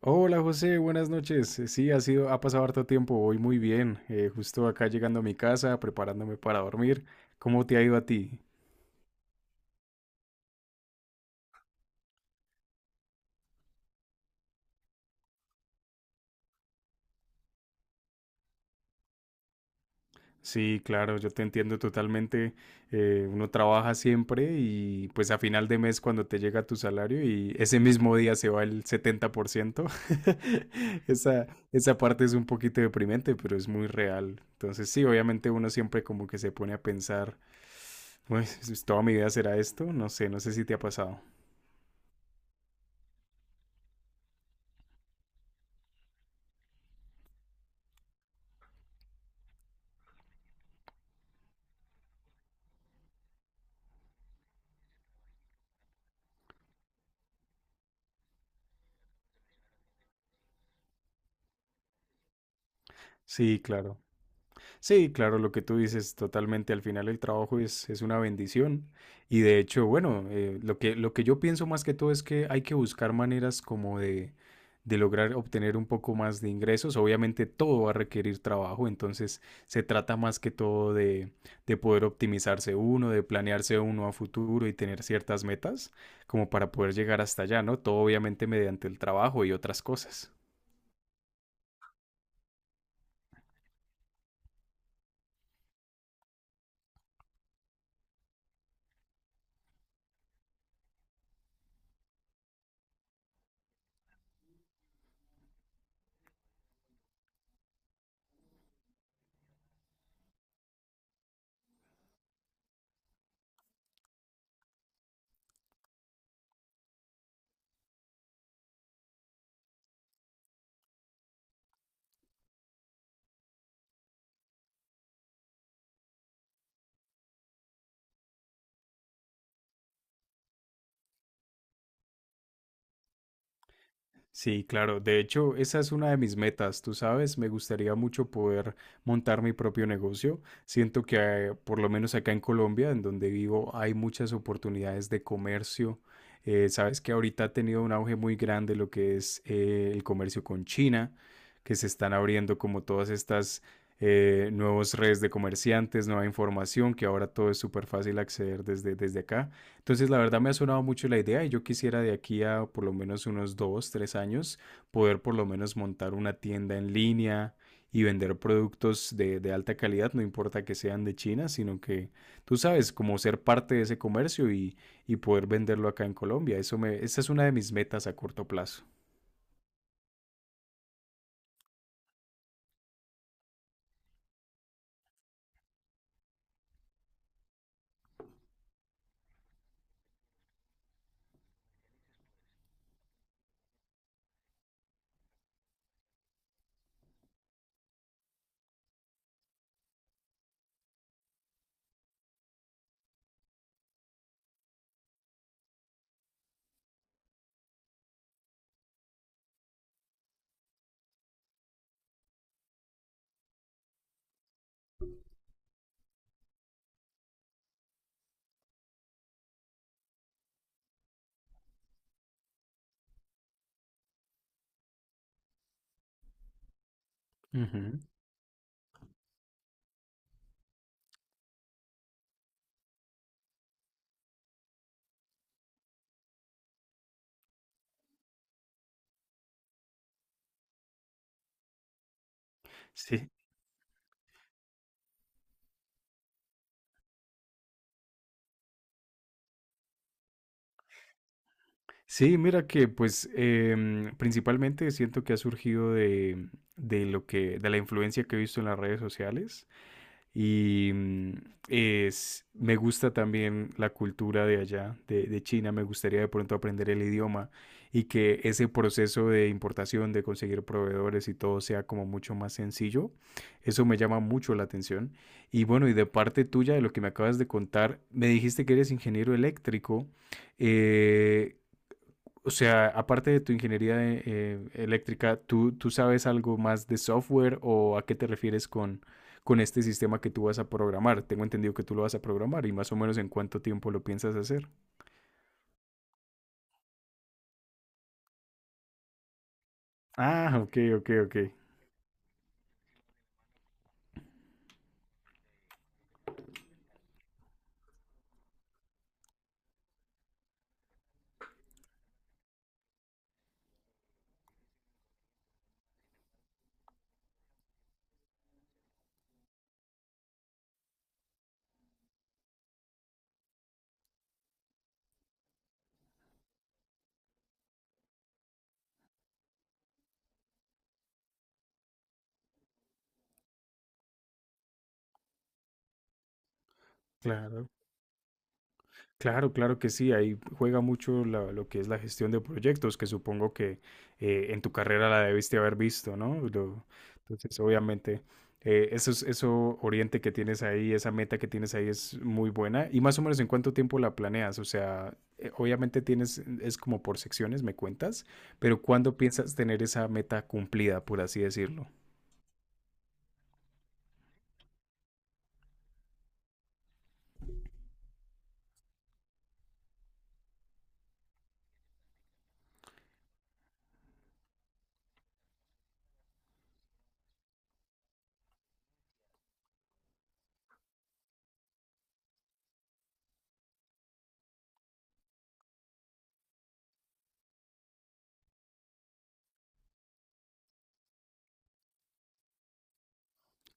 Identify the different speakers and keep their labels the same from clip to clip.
Speaker 1: Hola José, buenas noches. Sí, ha sido, ha pasado harto tiempo, voy muy bien. Justo acá llegando a mi casa, preparándome para dormir. ¿Cómo te ha ido a ti? Sí, claro, yo te entiendo totalmente. Uno trabaja siempre y pues a final de mes cuando te llega tu salario y ese mismo día se va el 70%. Esa, esa parte es un poquito deprimente, pero es muy real. Entonces sí, obviamente uno siempre como que se pone a pensar, pues toda mi vida será esto. No sé, no sé si te ha pasado. Sí, claro. Sí, claro, lo que tú dices totalmente. Al final el trabajo es una bendición. Y de hecho, bueno, lo que yo pienso más que todo es que hay que buscar maneras como de lograr obtener un poco más de ingresos. Obviamente todo va a requerir trabajo, entonces se trata más que todo de poder optimizarse uno, de planearse uno a futuro y tener ciertas metas como para poder llegar hasta allá, ¿no? Todo obviamente mediante el trabajo y otras cosas. Sí, claro. De hecho, esa es una de mis metas, tú sabes, me gustaría mucho poder montar mi propio negocio. Siento que por lo menos acá en Colombia, en donde vivo, hay muchas oportunidades de comercio. Sabes que ahorita ha tenido un auge muy grande lo que es el comercio con China, que se están abriendo como todas estas nuevas redes de comerciantes, nueva información, que ahora todo es súper fácil acceder desde acá. Entonces, la verdad me ha sonado mucho la idea y yo quisiera de aquí a por lo menos unos dos, tres años poder por lo menos montar una tienda en línea y vender productos de alta calidad, no importa que sean de China, sino que tú sabes, como ser parte de ese comercio y poder venderlo acá en Colombia. Esa es una de mis metas a corto plazo. Ujú. Sí, sí, mira que pues principalmente siento que ha surgido de lo que, de la influencia que he visto en las redes sociales. Y es, me gusta también la cultura de allá, de China. Me gustaría de pronto aprender el idioma y que ese proceso de importación, de conseguir proveedores y todo sea como mucho más sencillo. Eso me llama mucho la atención. Y bueno, y de parte tuya, de lo que me acabas de contar, me dijiste que eres ingeniero eléctrico. Eh, o sea, aparte de tu ingeniería de, eléctrica, ¿tú sabes algo más de software o a qué te refieres con este sistema que tú vas a programar? Tengo entendido que tú lo vas a programar y más o menos en cuánto tiempo lo piensas hacer. Ah, ok, ok, ok. Claro, claro, claro que sí, ahí juega mucho la- lo que es la gestión de proyectos, que supongo que en tu carrera la debiste haber visto, ¿no? Lo- entonces, obviamente, eso, es- eso oriente que tienes ahí, esa meta que tienes ahí es muy buena. ¿Y más o menos en cuánto tiempo la planeas? O sea, obviamente tienes, es como por secciones, me cuentas, pero ¿cuándo piensas tener esa meta cumplida, por así decirlo?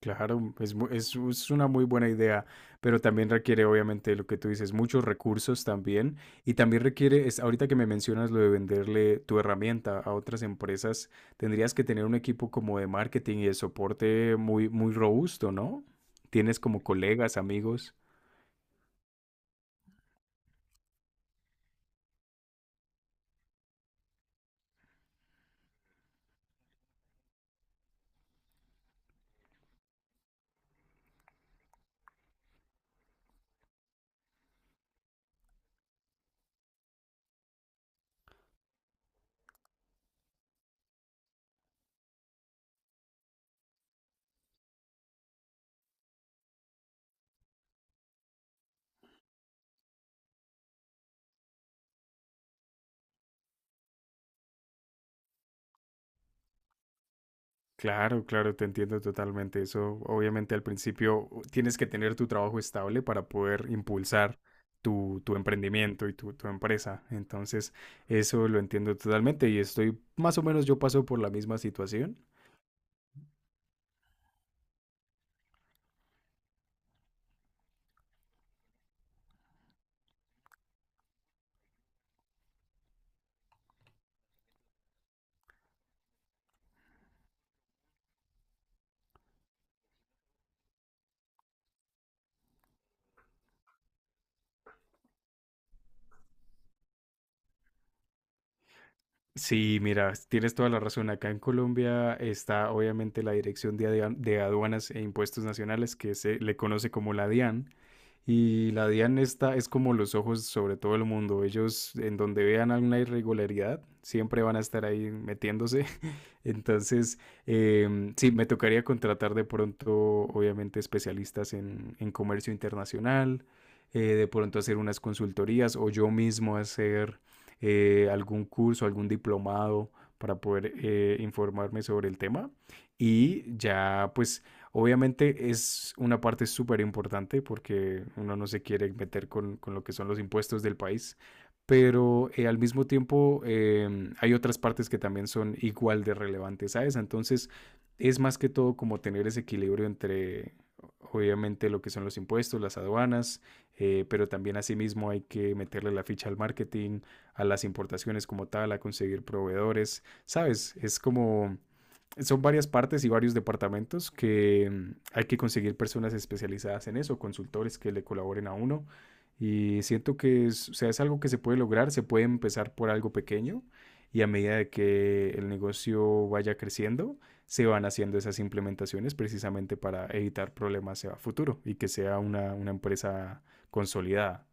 Speaker 1: Claro, mu- es una muy buena idea, pero también requiere, obviamente, lo que tú dices, muchos recursos también. Y también requiere, es, ahorita que me mencionas lo de venderle tu herramienta a otras empresas, tendrías que tener un equipo como de marketing y de soporte muy, muy robusto, ¿no? Tienes como colegas, amigos. Claro, claro, te entiendo totalmente. Eso, obviamente, al principio tienes que tener tu trabajo estable para poder impulsar tu emprendimiento y tu empresa. Entonces, eso lo entiendo totalmente y estoy, más o menos, yo paso por la misma situación. Sí, mira, tienes toda la razón. Acá en Colombia está, obviamente, la Dirección de de Aduanas e Impuestos Nacionales, que se le conoce como la DIAN. Y la DIAN está, es como los ojos sobre todo el mundo. Ellos, en donde vean alguna irregularidad, siempre van a estar ahí metiéndose entonces, sí, me tocaría contratar de pronto, obviamente, especialistas en comercio internacional, de pronto hacer unas consultorías o yo mismo hacer algún curso, algún diplomado para poder informarme sobre el tema. Y ya, pues, obviamente es una parte súper importante porque uno no se quiere meter con lo que son los impuestos del país, pero al mismo tiempo hay otras partes que también son igual de relevantes a esa. Entonces, es más que todo como tener ese equilibrio entre, obviamente, lo que son los impuestos, las aduanas, pero también asimismo hay que meterle la ficha al marketing, a las importaciones como tal, a conseguir proveedores, ¿sabes? Es como... Son varias partes y varios departamentos que hay que conseguir personas especializadas en eso, consultores que le colaboren a uno y siento que es, o sea, es algo que se puede lograr, se puede empezar por algo pequeño y a medida de que el negocio vaya creciendo, se van haciendo esas implementaciones precisamente para evitar problemas a futuro y que sea una empresa consolidada.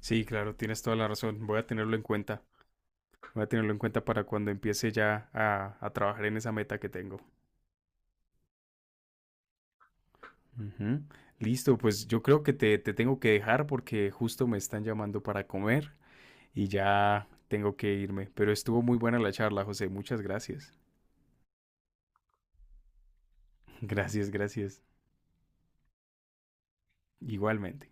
Speaker 1: Sí, claro, tienes toda la razón. Voy a tenerlo en cuenta. Voy a tenerlo en cuenta para cuando empiece ya a trabajar en esa meta que tengo. Ujú. Listo, pues yo creo que te tengo que dejar porque justo me están llamando para comer. Y ya tengo que irme. Pero estuvo muy buena la charla, José. Muchas gracias. Gracias, gracias. Igualmente.